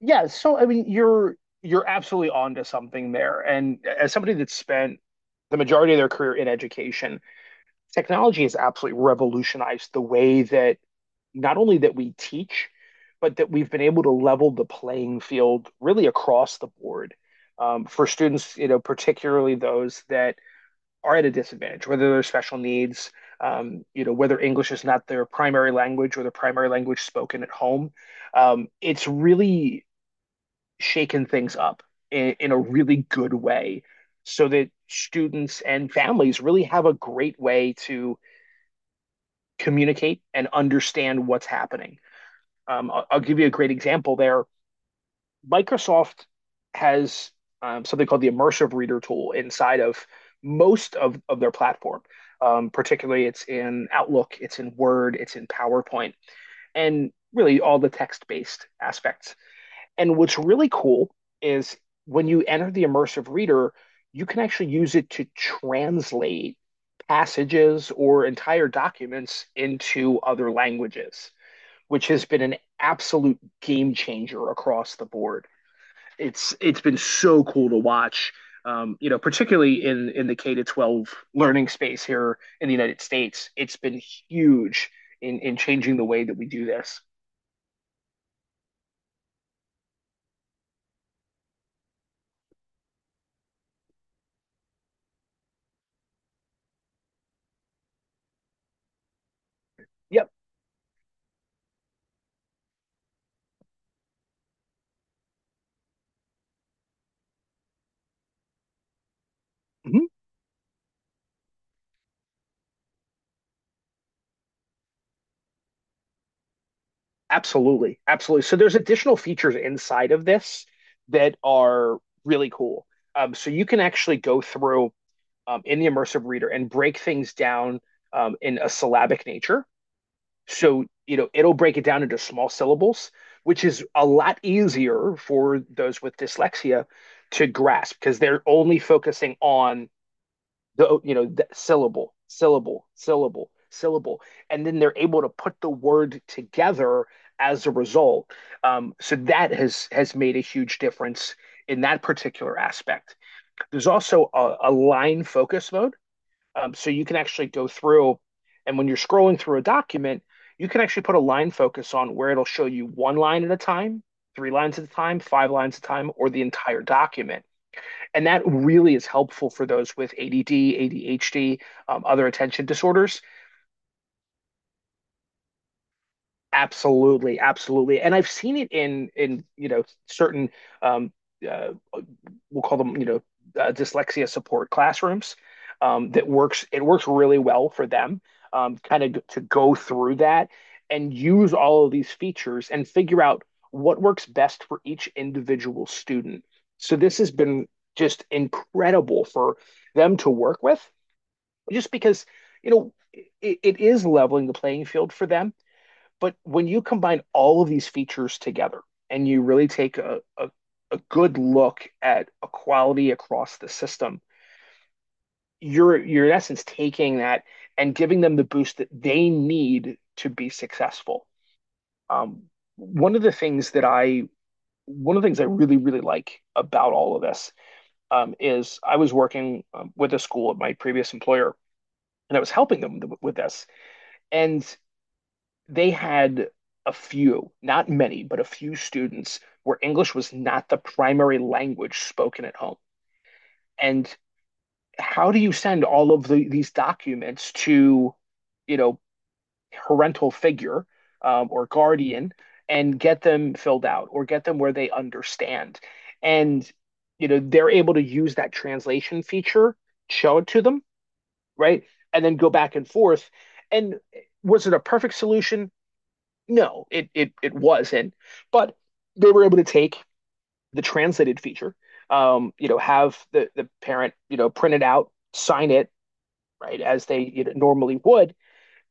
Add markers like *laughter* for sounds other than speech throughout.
Yeah, so I mean, you're absolutely onto something there. And as somebody that's spent the majority of their career in education, technology has absolutely revolutionized the way that not only that we teach, but that we've been able to level the playing field really across the board for students, particularly those that are at a disadvantage, whether they're special needs, whether English is not their primary language or their primary language spoken at home. It's really shaken things up in a really good way so that students and families really have a great way to communicate and understand what's happening. I'll give you a great example there. Microsoft has something called the immersive reader tool inside of most of their platform. Particularly, it's in Outlook, it's in Word, it's in PowerPoint, and really all the text based aspects. And what's really cool is when you enter the immersive reader, you can actually use it to translate passages or entire documents into other languages, which has been an absolute game changer across the board. It's been so cool to watch, particularly in the K to 12 learning space here in the United States. It's been huge in changing the way that we do this. Yep. *laughs* Absolutely, absolutely. So there's additional features inside of this that are really cool. So you can actually go through in the immersive reader and break things down in a syllabic nature. So, you know, it'll break it down into small syllables, which is a lot easier for those with dyslexia to grasp because they're only focusing on the the syllable, syllable, syllable, syllable, and then they're able to put the word together as a result. So that has made a huge difference in that particular aspect. There's also a line focus mode. So you can actually go through, and when you're scrolling through a document you can actually put a line focus on where it'll show you one line at a time, three lines at a time, five lines at a time, or the entire document. And that really is helpful for those with ADD, ADHD, other attention disorders. Absolutely, absolutely. And I've seen it in you know certain um, uh, we'll call them dyslexia support classrooms that works. It works really well for them, kind of to go through that and use all of these features and figure out what works best for each individual student. So this has been just incredible for them to work with just because, you know, it is leveling the playing field for them. But when you combine all of these features together and you really take a good look at equality across the system, you're in essence taking that and giving them the boost that they need to be successful. Um, one of the things that I One of the things I really like about all of this is I was working with a school at my previous employer and I was helping them with this, and they had a few, not many, but a few students where English was not the primary language spoken at home. And how do you send all of the, these documents to, you know, parental figure or guardian and get them filled out or get them where they understand? And, you know, they're able to use that translation feature, show it to them, right? And then go back and forth. And was it a perfect solution? No, it wasn't. But they were able to take the translated feature, you know, have the parent, you know, print it out, sign it, right, as they you know, normally would,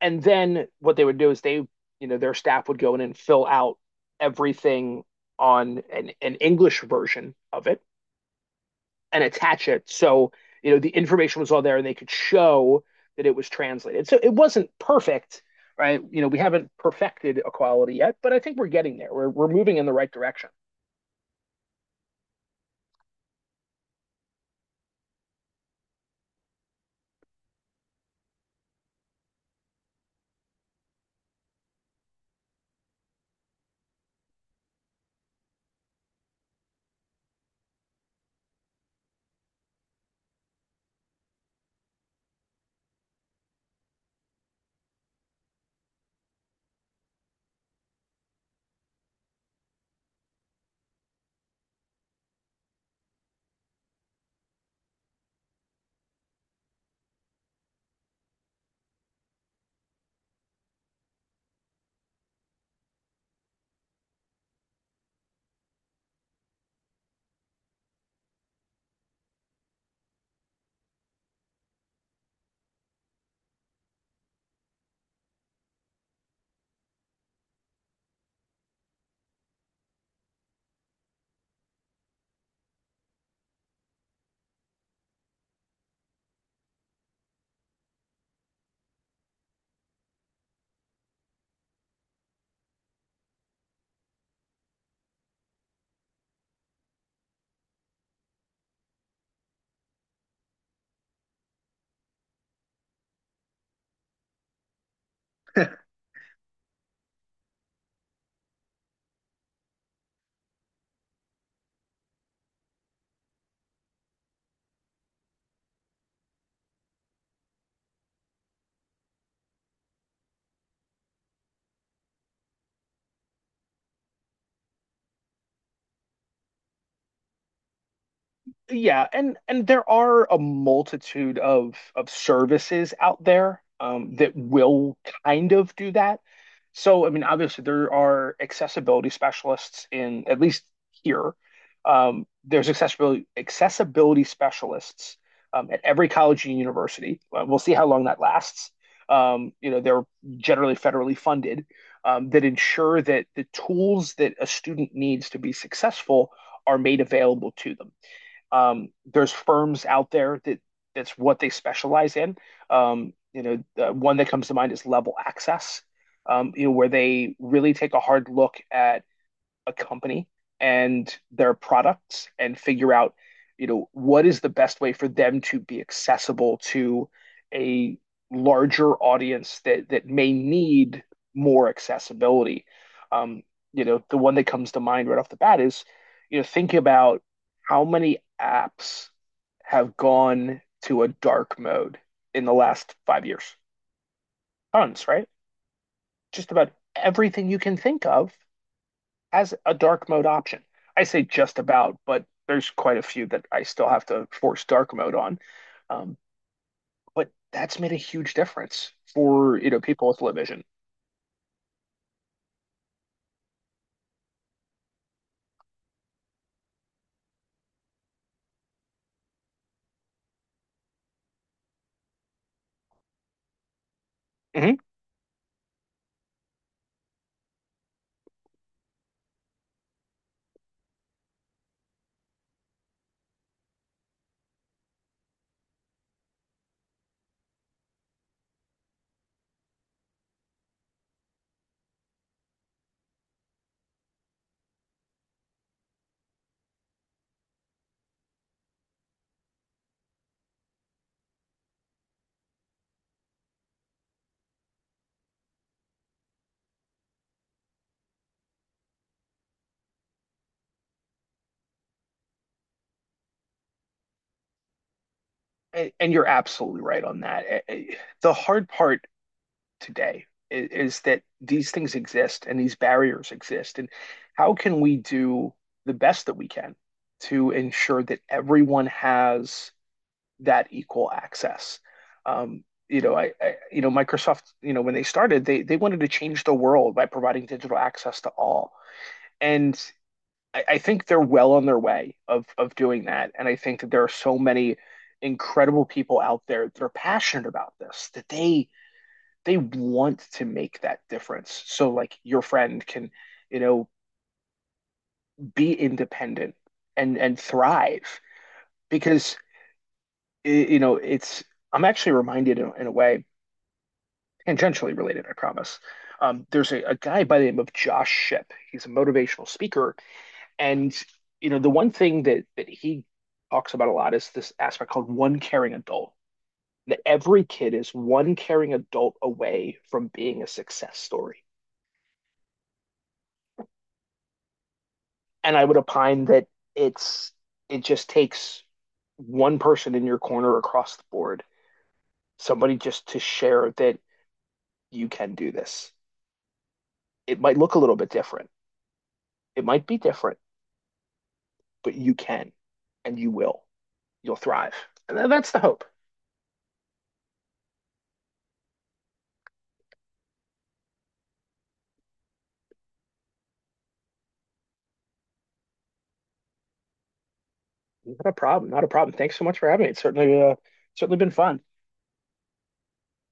and then what they would do is they, you know, their staff would go in and fill out everything on an English version of it and attach it. So, you know, the information was all there and they could show that it was translated. So it wasn't perfect, right? You know, we haven't perfected equality yet, but I think we're getting there. We're moving in the right direction. Yeah, and there are a multitude of services out there that will kind of do that. So, I mean, obviously there are accessibility specialists in at least here. There's accessibility specialists at every college and university. We'll see how long that lasts. You know, they're generally federally funded that ensure that the tools that a student needs to be successful are made available to them. There's firms out there that that's what they specialize in. You know, the one that comes to mind is Level Access, you know, where they really take a hard look at a company and their products and figure out, you know, what is the best way for them to be accessible to a larger audience that that may need more accessibility. Um, you know, the one that comes to mind right off the bat is, you know, think about how many apps have gone to a dark mode in the last 5 years. Tons, right? Just about everything you can think of as a dark mode option. I say just about, but there's quite a few that I still have to force dark mode on. Um, but that's made a huge difference for, you know, people with low vision. Mhm. And you're absolutely right on that. The hard part today is that these things exist and these barriers exist. And how can we do the best that we can to ensure that everyone has that equal access. You know, you know, Microsoft, you know, when they started, they wanted to change the world by providing digital access to all, and I think they're well on their way of doing that. And I think that there are so many incredible people out there that are passionate about this that they want to make that difference. So like your friend can, you know, be independent and thrive because you know it's. I'm actually reminded in a way tangentially related, I promise. There's a guy by the name of Josh Ship. He's a motivational speaker, and you know the one thing that that he talks about a lot is this aspect called one caring adult. That every kid is one caring adult away from being a success story. And I would opine that it's it just takes one person in your corner across the board, somebody just to share that you can do this. It might look a little bit different. It might be different but you can and you will. You'll thrive. And that's the hope. Not a problem. Not a problem. Thanks so much for having me. It's certainly certainly been fun.